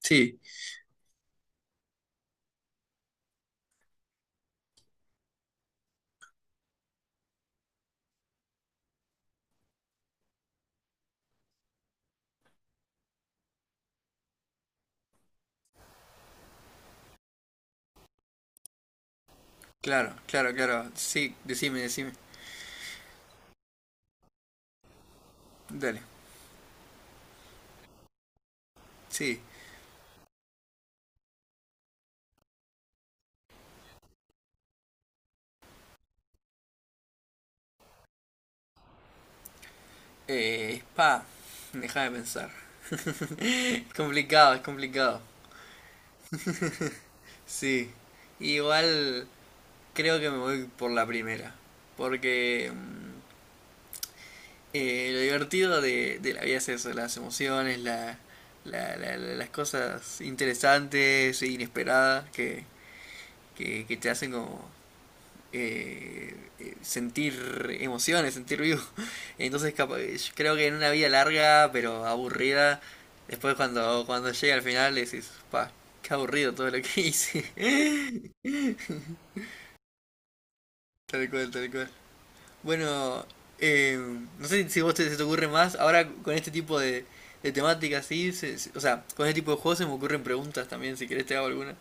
Sí, claro, claro, claro. Sí, decime, decime. Dale. Sí. Spa. Deja de pensar. Es complicado, es complicado. Sí. Igual creo que me voy por la primera. Porque lo divertido de la vida es eso, las emociones, las cosas interesantes e inesperadas que te hacen como sentir emociones, sentir vivo. Yo creo que en una vida larga pero aburrida, después cuando llega al final decís, pa, qué aburrido todo lo que hice. Tal cual, tal cual. Bueno, eh, no sé si vos te, se te ocurre más, ahora con este tipo de temáticas, sí, o sea, con este tipo de juegos se me ocurren preguntas también, si querés te hago alguna.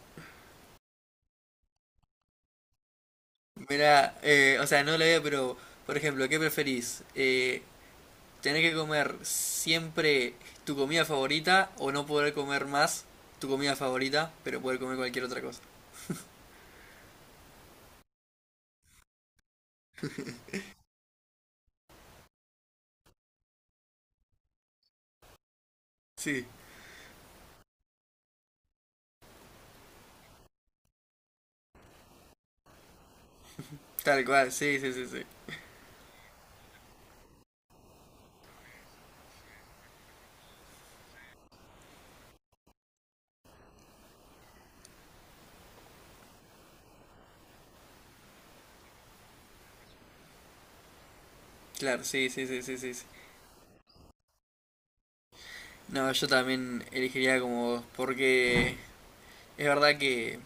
Mira, o sea, no la veo, pero, por ejemplo, ¿qué preferís? Tener que comer siempre tu comida favorita, o no poder comer más tu comida favorita, pero poder comer cualquier otra cosa. Sí, tal cual, sí, sí, sí, sí. Claro, sí, sí, sí, sí, sí, sí. No, yo también elegiría como vos, porque es verdad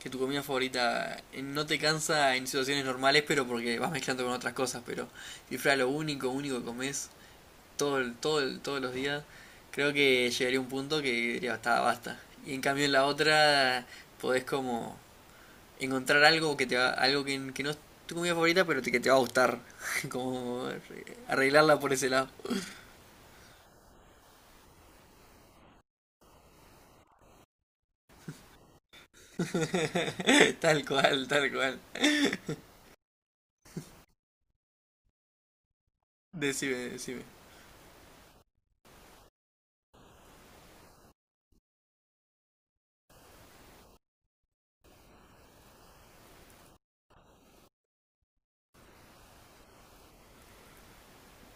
que tu comida favorita no te cansa en situaciones normales, pero porque vas mezclando con otras cosas. Pero si fuera lo único, único que comes, todos los días, creo que llegaría a un punto que diría, basta, basta. Y en cambio en la otra podés como encontrar algo que te va, algo que no es tu comida favorita, pero que te va a gustar. Como arreglarla por ese lado. Tal cual, tal cual. Decime, decime.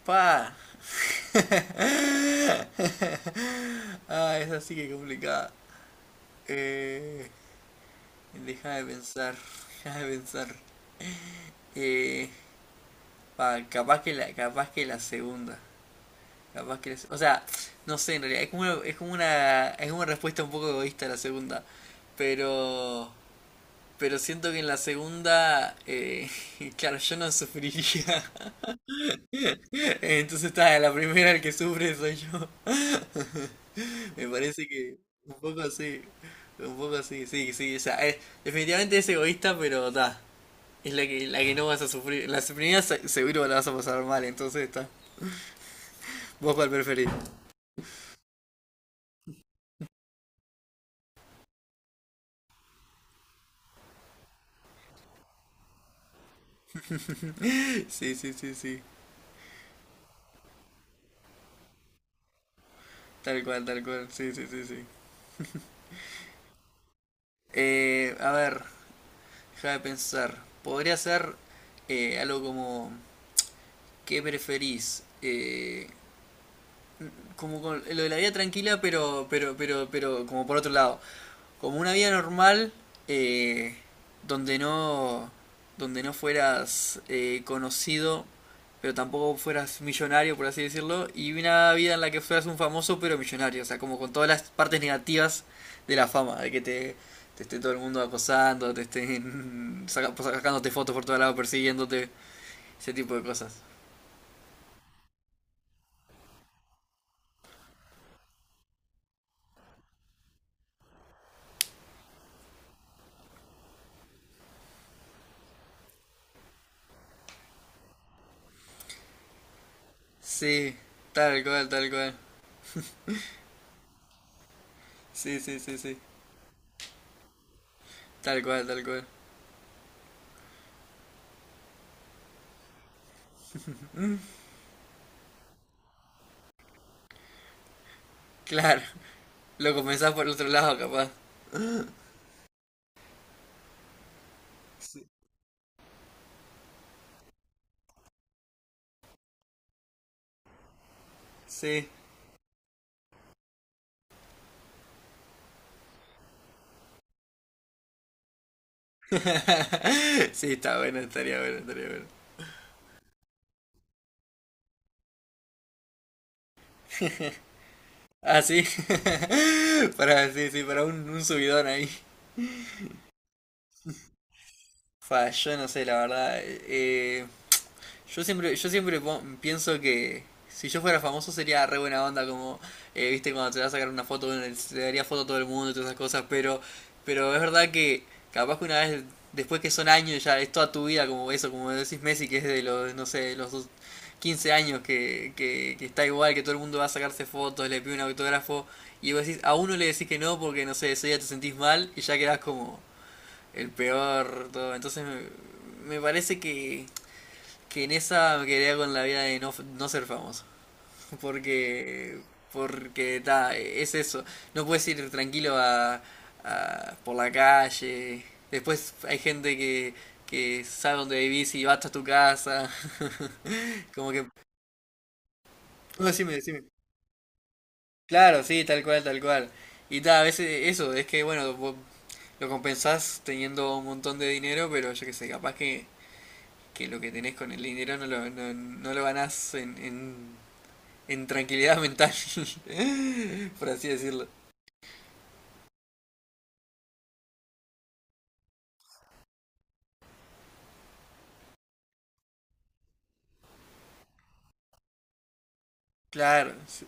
Pa. Ah, es así que es complicada. Eh, Deja de pensar, deja de pensar. Eh, Capaz que capaz que la segunda. Capaz que la O sea, no sé en realidad, es como una, es una respuesta un poco egoísta a la segunda. Pero pero siento que en la segunda, claro, yo no sufriría. Entonces está, la primera el que sufre soy yo. Me parece que un poco así. Un poco así, sí, sí. O sea, definitivamente es egoísta, pero está. Es la que no vas a sufrir. La primera seguro la vas a pasar mal, entonces está. ¿Vos cuál preferís? Sí, sí, sí, sí. Tal cual, tal cual. Sí, sí, sí, sí. A ver, déjame pensar. Podría ser algo como, ¿qué preferís? Como lo de la vida tranquila, pero, como por otro lado. Como una vida normal eh, donde no, fueras conocido, pero tampoco fueras millonario, por así decirlo, y una vida en la que fueras un famoso pero millonario, o sea como con todas las partes negativas de la fama, de que te esté todo el mundo acosando, te estén sacándote fotos por todos lados, persiguiéndote, ese tipo de cosas. Sí, tal cual, tal cual. Sí, sí, sí, sí, tal cual, tal cual. Claro, lo comenzás por el otro lado capaz. Sí. Sí. Sí, está bueno, estaría bueno, estaría bueno. Ah, sí. Para, sí, sí, para un subidón ahí. Fa, yo no sé, la verdad. Yo siempre, pienso que si yo fuera famoso sería re buena onda, como, viste, cuando te vas a sacar una foto, bueno, le daría foto a todo el mundo y todas esas cosas. Pero es verdad que capaz que una vez, después que son años, ya es toda tu vida como eso, como decís Messi, que es de los, no sé, de los 15 años, que está igual, que todo el mundo va a sacarse fotos, le pide un autógrafo, y vos decís, a uno le decís que no porque, no sé, ese día te sentís mal y ya quedás como el peor, todo. Me parece que en esa me quedaría con la vida de no, no ser famoso. Porque, porque ta, es eso. No puedes ir tranquilo a, por la calle. Después hay gente que sabe dónde vivís y va hasta tu casa. Como que... No, decime, decime. Claro, sí, tal cual, tal cual. Y ta, a veces eso, es que bueno, vos lo compensás teniendo un montón de dinero, pero yo qué sé, capaz que lo que tenés con el dinero no lo ganás en tranquilidad mental, por así decirlo. Claro, sí,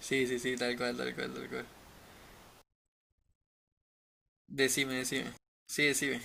sí, sí, sí, tal cual, tal cual, tal cual. Decime, decime. Sí, decime.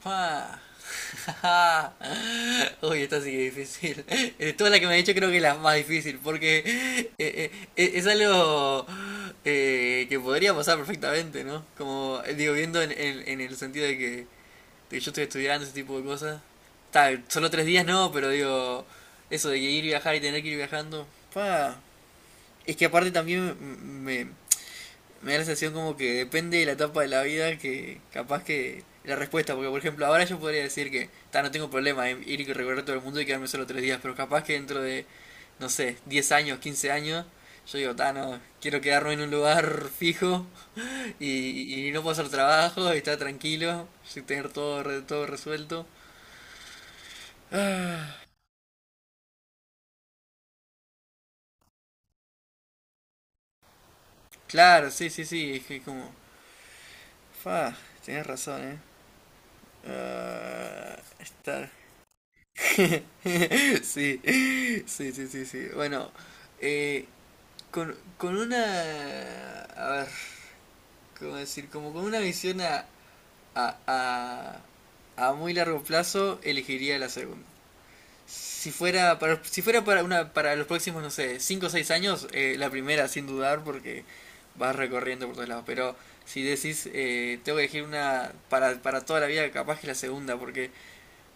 ¡Fua! Uy, esta sí que es difícil. De todas las que me ha dicho creo que es la más difícil, porque es algo que podría pasar perfectamente, ¿no? Como digo, viendo en el sentido de que yo estoy estudiando ese tipo de cosas. Está, solo tres días no, pero digo, eso de que ir y viajar y tener que ir viajando, pa. Es que aparte también me, me da la sensación como que depende de la etapa de la vida, que capaz que la respuesta, porque por ejemplo ahora yo podría decir que ta, no tengo problema en ir y recorrer todo el mundo y quedarme solo tres días, pero capaz que dentro de, no sé, 10 años, 15 años, yo digo, ta, no, quiero quedarme en un lugar fijo y no puedo hacer trabajo, y estar tranquilo, y tener todo, todo resuelto. Claro, sí, sí, sí, es que como, fa, tienes razón, ¿eh? Ah, está. Sí, sí, sí, sí, sí. Bueno, eh, con una, a ver, ¿cómo decir? Como con una visión a, a, a muy largo plazo, elegiría la segunda. Si fuera para, para los próximos, no sé, 5 o seis años, la primera, sin dudar, porque vas recorriendo por todos lados. Pero si decís, tengo que elegir una para toda la vida, capaz que la segunda, porque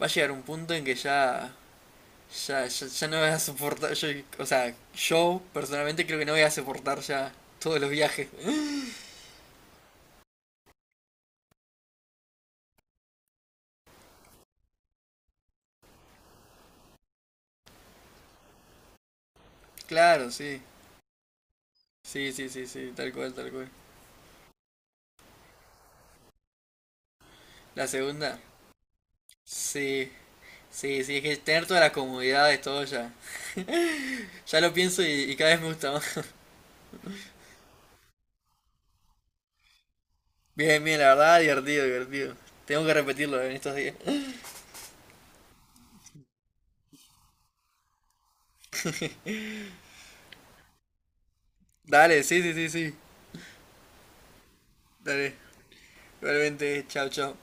va a llegar un punto en que ya no voy a soportar. O sea, yo personalmente creo que no voy a soportar ya todos los viajes. Claro, sí. Sí, sí, sí, sí, tal cual, tal cual. La segunda, sí, sí, sí, es que tener todas las comodidades, todo ya. Ya lo pienso y cada vez me gusta más. Bien, bien, la verdad, divertido, divertido. Tengo que repetirlo en estos días. Dale, sí, sí, sí, sí. Dale. Igualmente, chao, chao.